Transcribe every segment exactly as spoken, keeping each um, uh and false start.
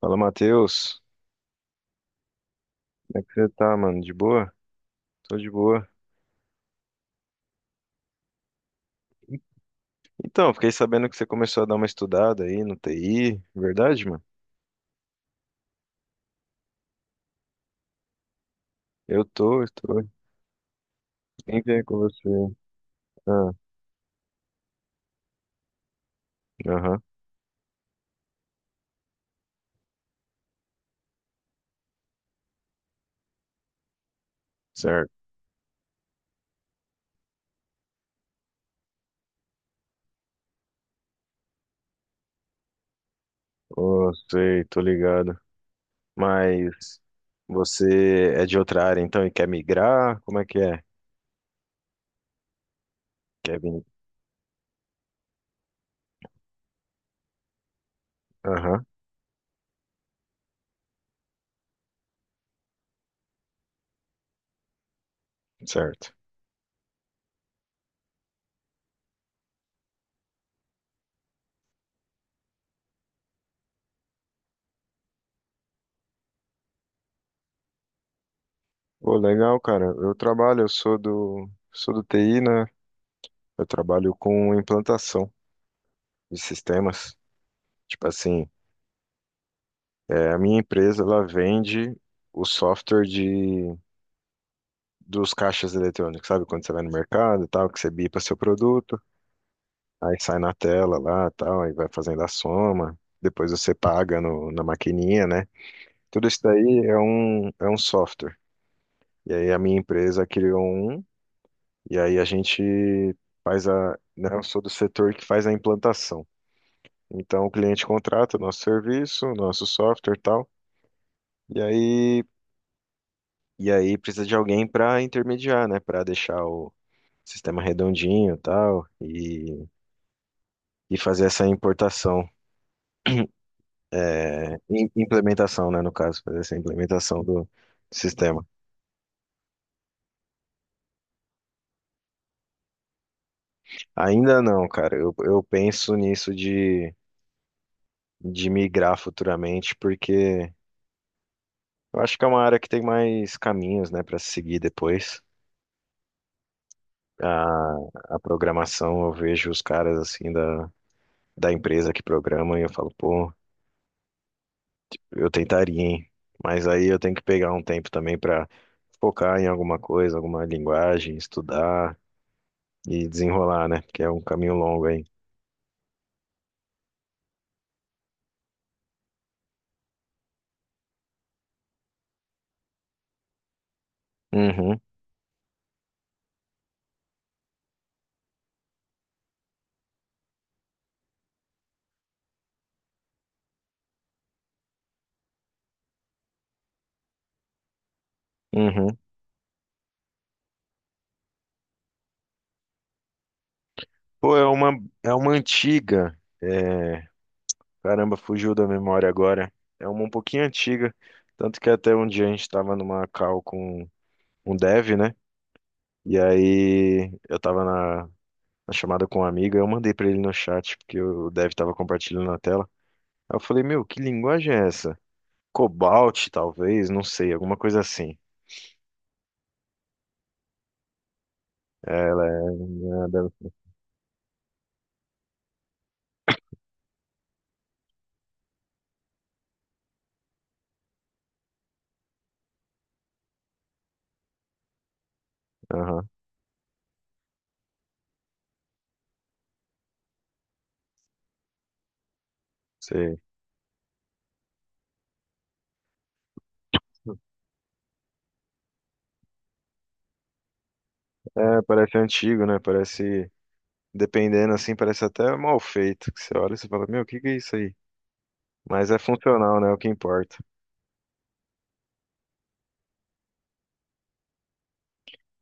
Fala, Matheus. Como é que você tá, mano? De boa? Tô de boa. Então, fiquei sabendo que você começou a dar uma estudada aí no T I, verdade, mano? Eu tô, eu tô. Quem vem com você? Ah, aham, certo. Ô, sei, tô ligado. Mas você é de outra área, então, e quer migrar? Como é que é? Quer vir? Aham, certo. Pô, legal, cara. Eu trabalho, eu sou do, sou do T I, né? Eu trabalho com implantação de sistemas. Tipo assim, é, a minha empresa, ela vende o software de, dos caixas eletrônicos, sabe? Quando você vai no mercado e tal, que você bipa seu produto, aí sai na tela lá e tal, aí vai fazendo a soma, depois você paga no, na maquininha, né? Tudo isso daí é um, é um software. E aí a minha empresa criou um, e aí a gente faz a, né? Eu sou do setor que faz a implantação. Então o cliente contrata o nosso serviço, o nosso software e tal, e aí E aí precisa de alguém para intermediar, né? Para deixar o sistema redondinho e tal, e, e fazer essa importação, im- implementação, né? No caso, fazer essa implementação do sistema. Ainda não, cara. Eu, eu penso nisso de, de migrar futuramente, porque eu acho que é uma área que tem mais caminhos, né? Para seguir depois. A, a programação, eu vejo os caras assim da, da empresa que programam e eu falo, pô. Eu tentaria, hein? Mas aí eu tenho que pegar um tempo também pra focar em alguma coisa, alguma linguagem, estudar e desenrolar, né? Porque é um caminho longo aí. Uhum, uhum. Pô, é uma, é uma antiga. É, caramba, fugiu da memória agora. É uma um pouquinho antiga. Tanto que até um dia a gente tava numa call com um dev, né? E aí eu tava na, na chamada com um amigo. Eu mandei pra ele no chat, porque o dev tava compartilhando na tela. Aí eu falei, meu, que linguagem é essa? Cobalt, talvez, não sei, alguma coisa assim. É, ela é. Nada- aham, sei. É, parece antigo, né? Parece. Dependendo assim, parece até mal feito. Que você olha e você fala, meu, o que que é isso aí? Mas é funcional, né? É o que importa.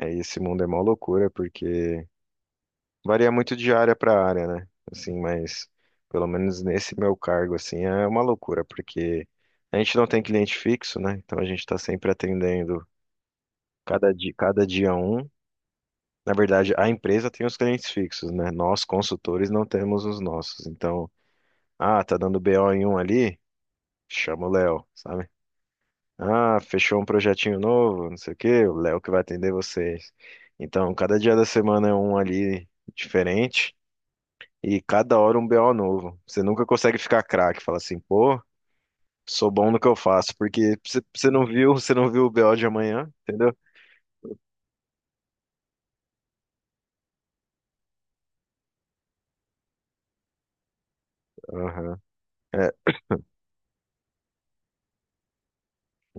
É, e esse mundo é mó loucura, porque varia muito de área para área, né? Assim, mas pelo menos nesse meu cargo, assim, é uma loucura, porque a gente não tem cliente fixo, né? Então a gente tá sempre atendendo cada dia, cada dia um. Na verdade, a empresa tem os clientes fixos, né? Nós, consultores, não temos os nossos. Então, ah, tá dando B O em um ali? Chama o Léo, sabe? Ah, fechou um projetinho novo, não sei o quê, o Léo que vai atender vocês. Então, cada dia da semana é um ali diferente e cada hora um B O novo. Você nunca consegue ficar craque, fala assim, pô, sou bom no que eu faço, porque você você não viu, você não viu o B O de amanhã, entendeu? Aham. É,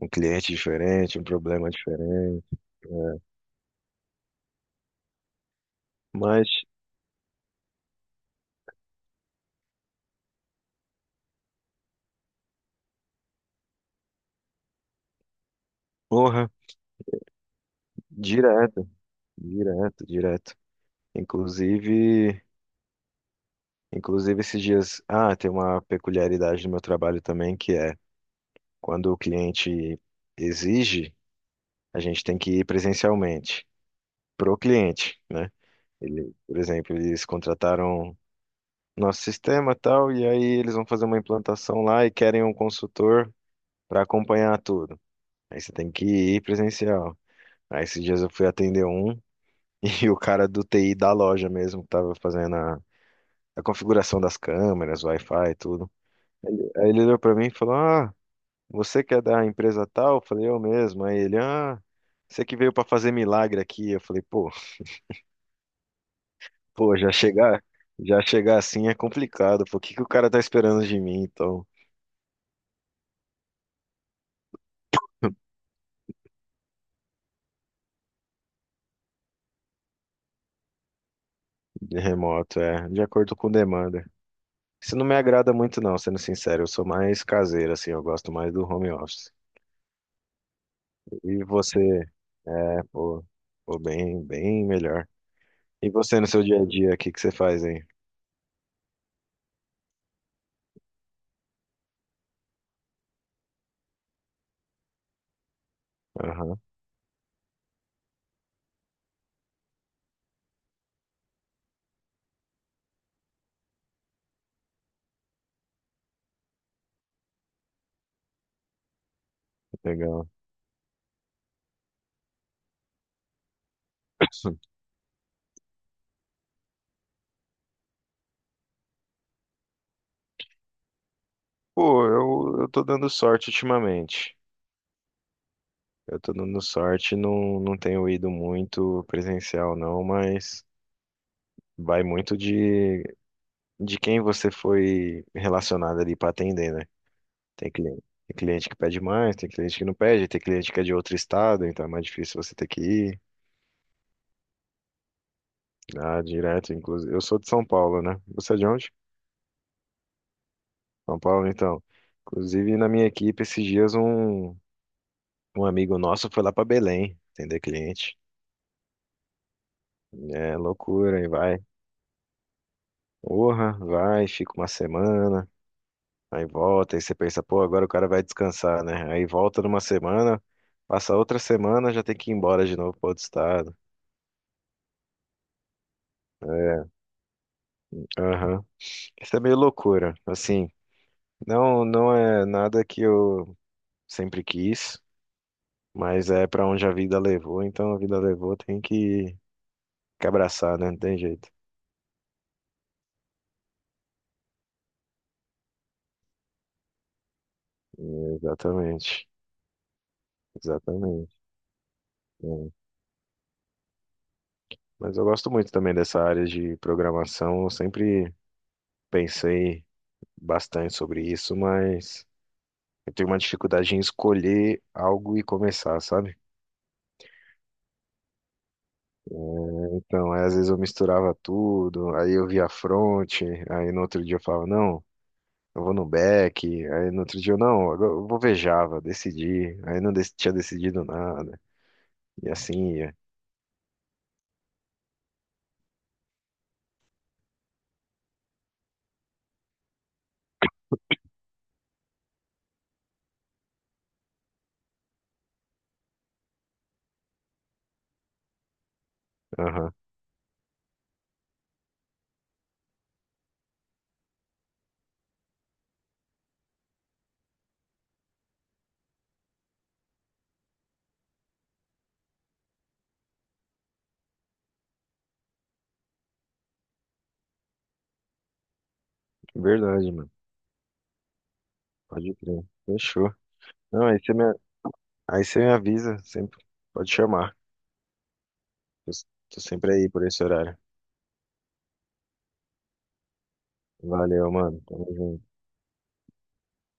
um cliente diferente, um problema diferente. É. Mas porra, direto, direto, direto. Inclusive, inclusive esses dias, ah, tem uma peculiaridade do meu trabalho também que é quando o cliente exige, a gente tem que ir presencialmente pro cliente, né? Ele, por exemplo, eles contrataram nosso sistema tal e aí eles vão fazer uma implantação lá e querem um consultor para acompanhar tudo. Aí você tem que ir presencial. Aí esses dias eu fui atender um e o cara do T I da loja mesmo, que tava fazendo a configuração das câmeras, Wi-Fi, e tudo. Aí ele olhou pra mim e falou: ah, você que é da empresa tal? Eu falei: eu mesmo. Aí ele: ah, você que veio pra fazer milagre aqui. Eu falei: Pô, pô, já chegar, já chegar assim é complicado. Pô, o que que o cara tá esperando de mim, então, de remoto? É, de acordo com demanda. Isso não me agrada muito, não, sendo sincero. Eu sou mais caseiro, assim, eu gosto mais do home office. E você? É, pô, pô, bem, bem melhor. E você no seu dia a dia, o que que você faz, hein? Aham, legal. Pô, eu, eu tô dando sorte ultimamente. Eu tô dando sorte, não, não tenho ido muito presencial, não, mas vai muito de, de quem você foi relacionado ali pra atender, né? Tem cliente, tem cliente que pede mais, tem cliente que não pede, tem cliente que é de outro estado, então é mais difícil você ter que ir lá direto, inclusive. Eu sou de São Paulo, né? Você é de onde? São Paulo, então. Inclusive, na minha equipe, esses dias um, um amigo nosso foi lá pra Belém atender cliente. É loucura, aí vai. Porra, vai, fica uma semana, aí volta, aí você pensa, pô, agora o cara vai descansar, né? Aí volta numa semana, passa outra semana, já tem que ir embora de novo para outro estado. É, aham. Isso é meio loucura, assim. Não, não é nada que eu sempre quis, mas é para onde a vida levou, então a vida levou, tem que, que abraçar, né? Não tem jeito. É, exatamente, exatamente. É. Mas eu gosto muito também dessa área de programação, eu sempre pensei bastante sobre isso, mas eu tenho uma dificuldade em escolher algo e começar, sabe? Então, aí, às vezes eu misturava tudo, aí eu via front, aí no outro dia eu falava, não, eu vou no back, aí no outro dia eu, não, agora eu vovejava, decidi, aí não dec- tinha decidido nada, e assim ia. Aham, verdade, mano, pode crer, fechou. Não, aí você me, aí você me avisa, sempre, pode chamar, eu s- tô sempre aí por esse horário. Valeu, mano, tamo junto.